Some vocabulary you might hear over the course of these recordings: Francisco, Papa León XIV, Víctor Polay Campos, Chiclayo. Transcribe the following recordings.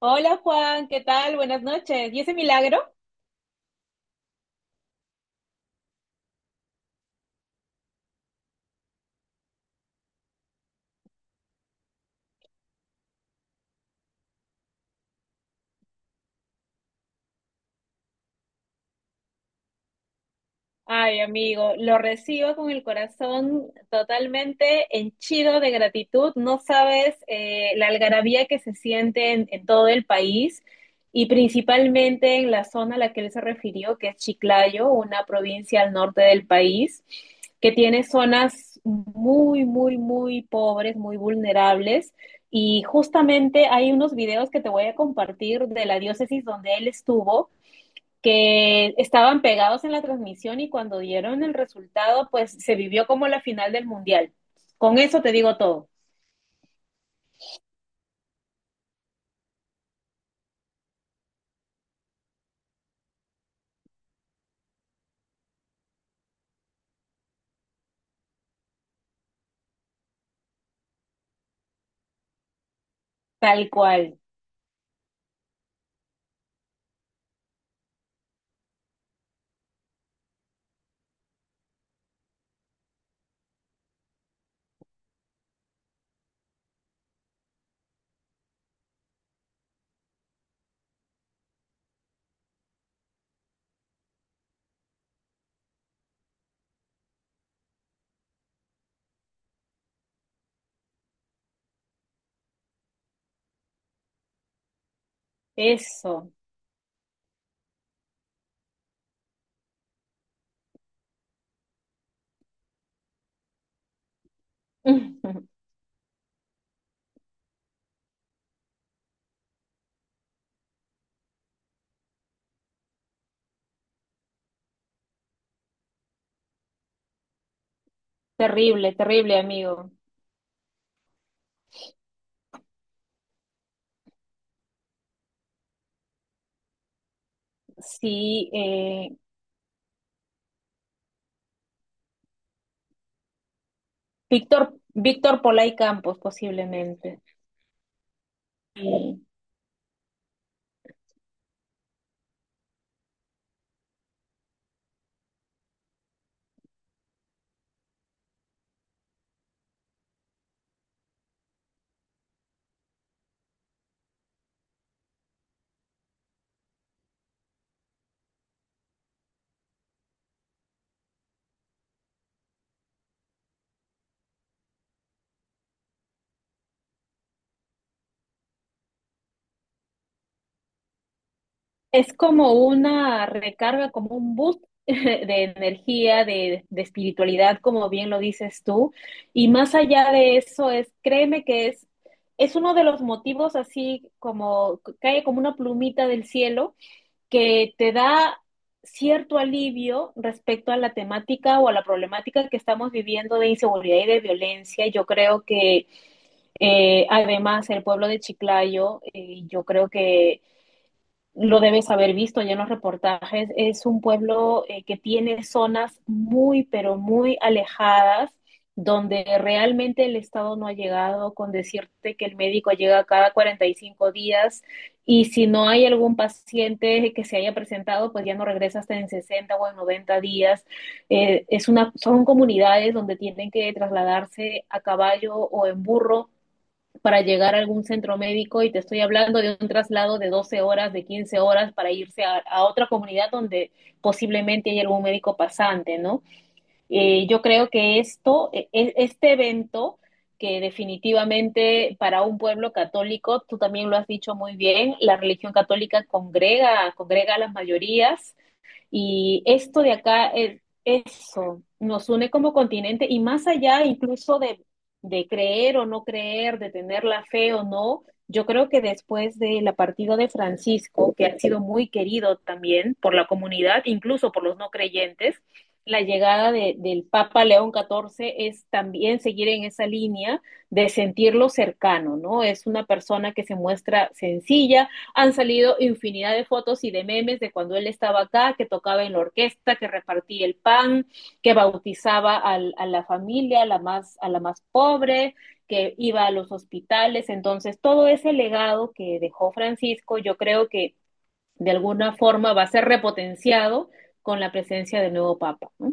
Hola Juan, ¿qué tal? Buenas noches. ¿Y ese milagro? Ay, amigo, lo recibo con el corazón totalmente henchido de gratitud. No sabes, la algarabía que se siente en todo el país y principalmente en la zona a la que él se refirió, que es Chiclayo, una provincia al norte del país, que tiene zonas muy, muy, muy pobres, muy vulnerables. Y justamente hay unos videos que te voy a compartir de la diócesis donde él estuvo, que estaban pegados en la transmisión, y cuando dieron el resultado, pues se vivió como la final del mundial. Con eso te digo todo, tal cual. Eso. Terrible, terrible, amigo. Sí, Víctor, Víctor Polay Campos, posiblemente. Sí. Es como una recarga, como un boost de energía, de espiritualidad, como bien lo dices tú. Y más allá de eso, créeme que es uno de los motivos, así como cae como una plumita del cielo que te da cierto alivio respecto a la temática o a la problemática que estamos viviendo de inseguridad y de violencia. Yo creo que, además, el pueblo de Chiclayo, yo creo que lo debes haber visto ya en los reportajes, es un pueblo, que tiene zonas muy, pero muy alejadas, donde realmente el Estado no ha llegado, con decirte que el médico llega cada 45 días, y si no hay algún paciente que se haya presentado, pues ya no regresa hasta en 60 o en 90 días. Son comunidades donde tienen que trasladarse a caballo o en burro para llegar a algún centro médico, y te estoy hablando de un traslado de 12 horas, de 15 horas, para irse a otra comunidad donde posiblemente hay algún médico pasante, ¿no? Yo creo que este evento que, definitivamente, para un pueblo católico, tú también lo has dicho muy bien, la religión católica congrega, congrega a las mayorías, y esto de acá, eso, nos une como continente y más allá, incluso, de creer o no creer, de tener la fe o no. Yo creo que después de la partida de Francisco, que ha sido muy querido también por la comunidad, incluso por los no creyentes, la llegada del Papa León XIV es también seguir en esa línea de sentirlo cercano, ¿no? Es una persona que se muestra sencilla, han salido infinidad de fotos y de memes de cuando él estaba acá, que tocaba en la orquesta, que repartía el pan, que bautizaba a la familia, a la más pobre, que iba a los hospitales. Entonces, todo ese legado que dejó Francisco, yo creo que de alguna forma va a ser repotenciado con la presencia del nuevo Papa, ¿no?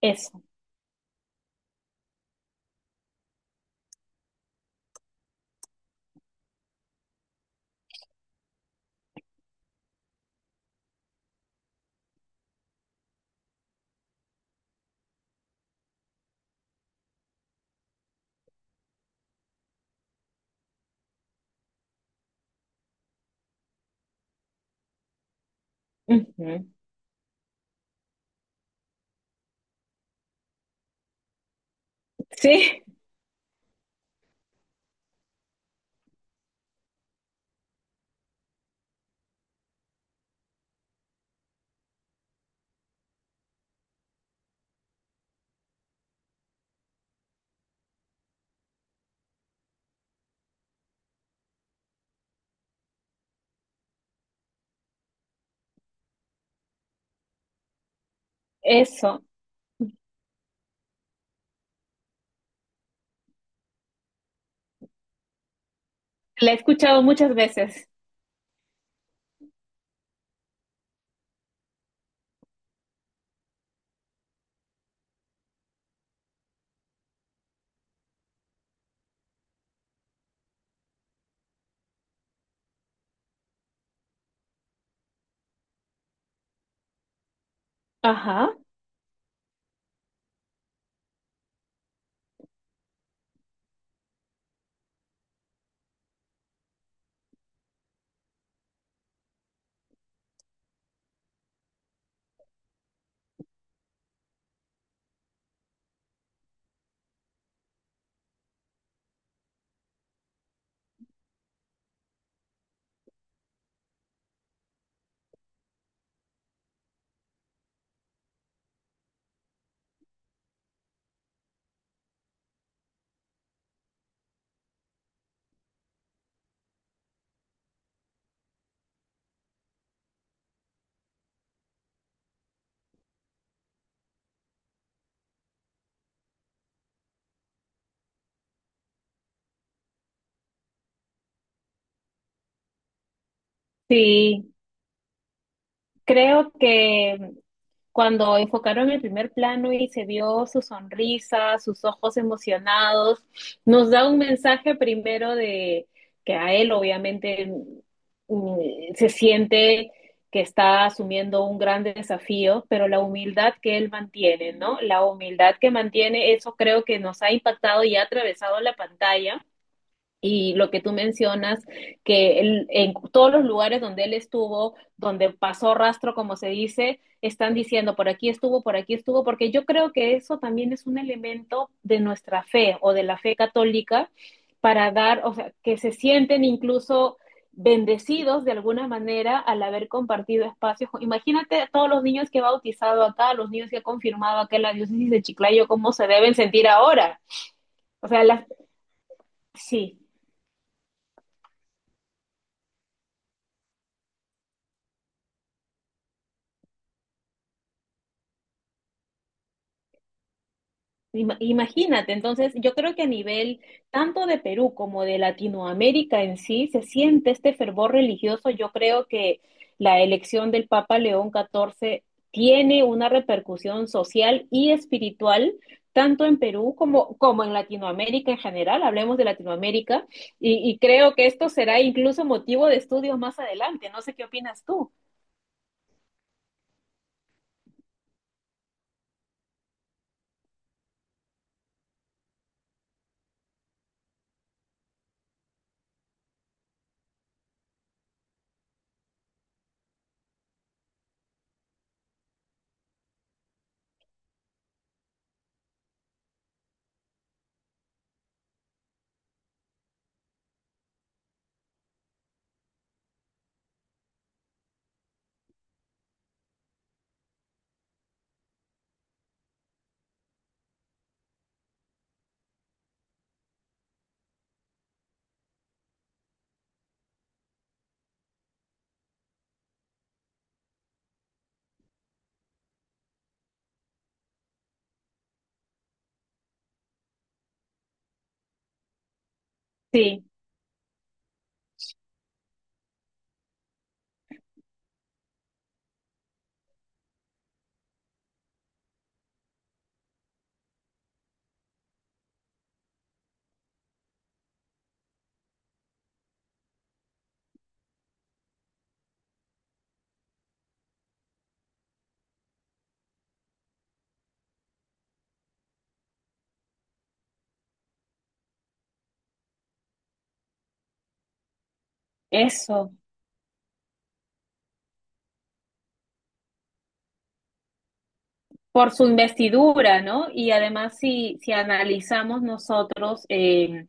Eso. Uh -huh. Sí, eso. La he escuchado muchas veces. Ajá, sí, creo que cuando enfocaron el primer plano y se vio su sonrisa, sus ojos emocionados, nos da un mensaje primero de que a él, obviamente, se siente que está asumiendo un gran desafío, pero la humildad que él mantiene, ¿no? La humildad que mantiene, eso creo que nos ha impactado y ha atravesado la pantalla. Y lo que tú mencionas, que en todos los lugares donde él estuvo, donde pasó rastro, como se dice, están diciendo por aquí estuvo, porque yo creo que eso también es un elemento de nuestra fe o de la fe católica, para dar, o sea, que se sienten incluso bendecidos de alguna manera al haber compartido espacios. Imagínate a todos los niños que he bautizado acá, a los niños que ha confirmado acá en la diócesis de Chiclayo, cómo se deben sentir ahora. O sea, las, sí. Imagínate, entonces yo creo que a nivel tanto de Perú como de Latinoamérica, en sí, se siente este fervor religioso. Yo creo que la elección del Papa León XIV tiene una repercusión social y espiritual tanto en Perú como, como en Latinoamérica en general. Hablemos de Latinoamérica, y creo que esto será, incluso, motivo de estudios más adelante. No sé qué opinas tú. Sí, eso. Por su investidura, ¿no? Y además, si analizamos nosotros,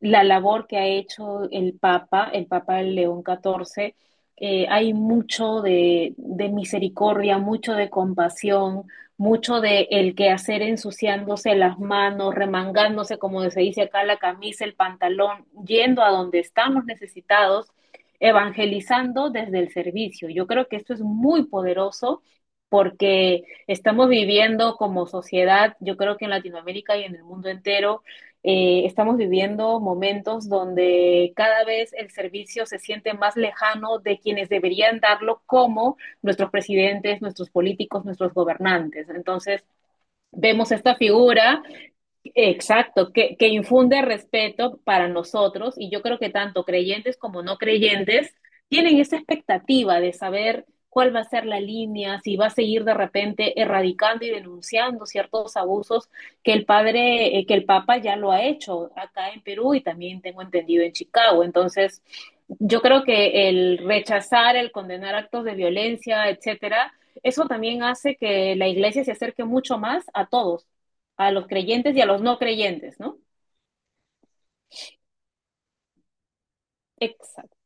la labor que ha hecho el Papa León XIV, hay mucho de, misericordia, mucho de compasión, mucho de el quehacer, ensuciándose las manos, remangándose, como se dice acá, la camisa, el pantalón, yendo a donde estamos necesitados, evangelizando desde el servicio. Yo creo que esto es muy poderoso porque estamos viviendo como sociedad, yo creo que en Latinoamérica y en el mundo entero, estamos viviendo momentos donde cada vez el servicio se siente más lejano de quienes deberían darlo, como nuestros presidentes, nuestros políticos, nuestros gobernantes. Entonces, vemos esta figura. Exacto, que infunde respeto para nosotros, y yo creo que tanto creyentes como no creyentes tienen esa expectativa de saber cuál va a ser la línea, si va a seguir de repente erradicando y denunciando ciertos abusos, que el padre, que el Papa ya lo ha hecho acá en Perú, y también tengo entendido en Chicago. Entonces, yo creo que el rechazar, el condenar actos de violencia, etcétera, eso también hace que la iglesia se acerque mucho más a todos, a los creyentes y a los no creyentes, ¿no? Exacto.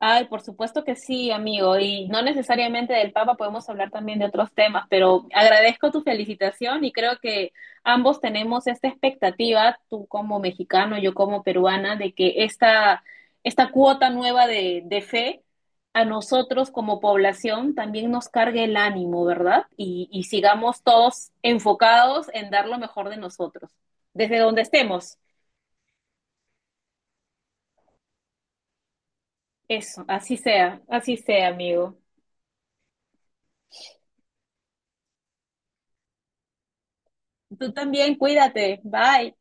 Ay, por supuesto que sí, amigo. Y no necesariamente del Papa, podemos hablar también de otros temas, pero agradezco tu felicitación y creo que ambos tenemos esta expectativa, tú como mexicano, yo como peruana, de que esta cuota nueva de fe, a nosotros como población, también nos cargue el ánimo, ¿verdad? Y sigamos todos enfocados en dar lo mejor de nosotros, desde donde estemos. Eso, así sea, amigo. Tú también, cuídate. Bye.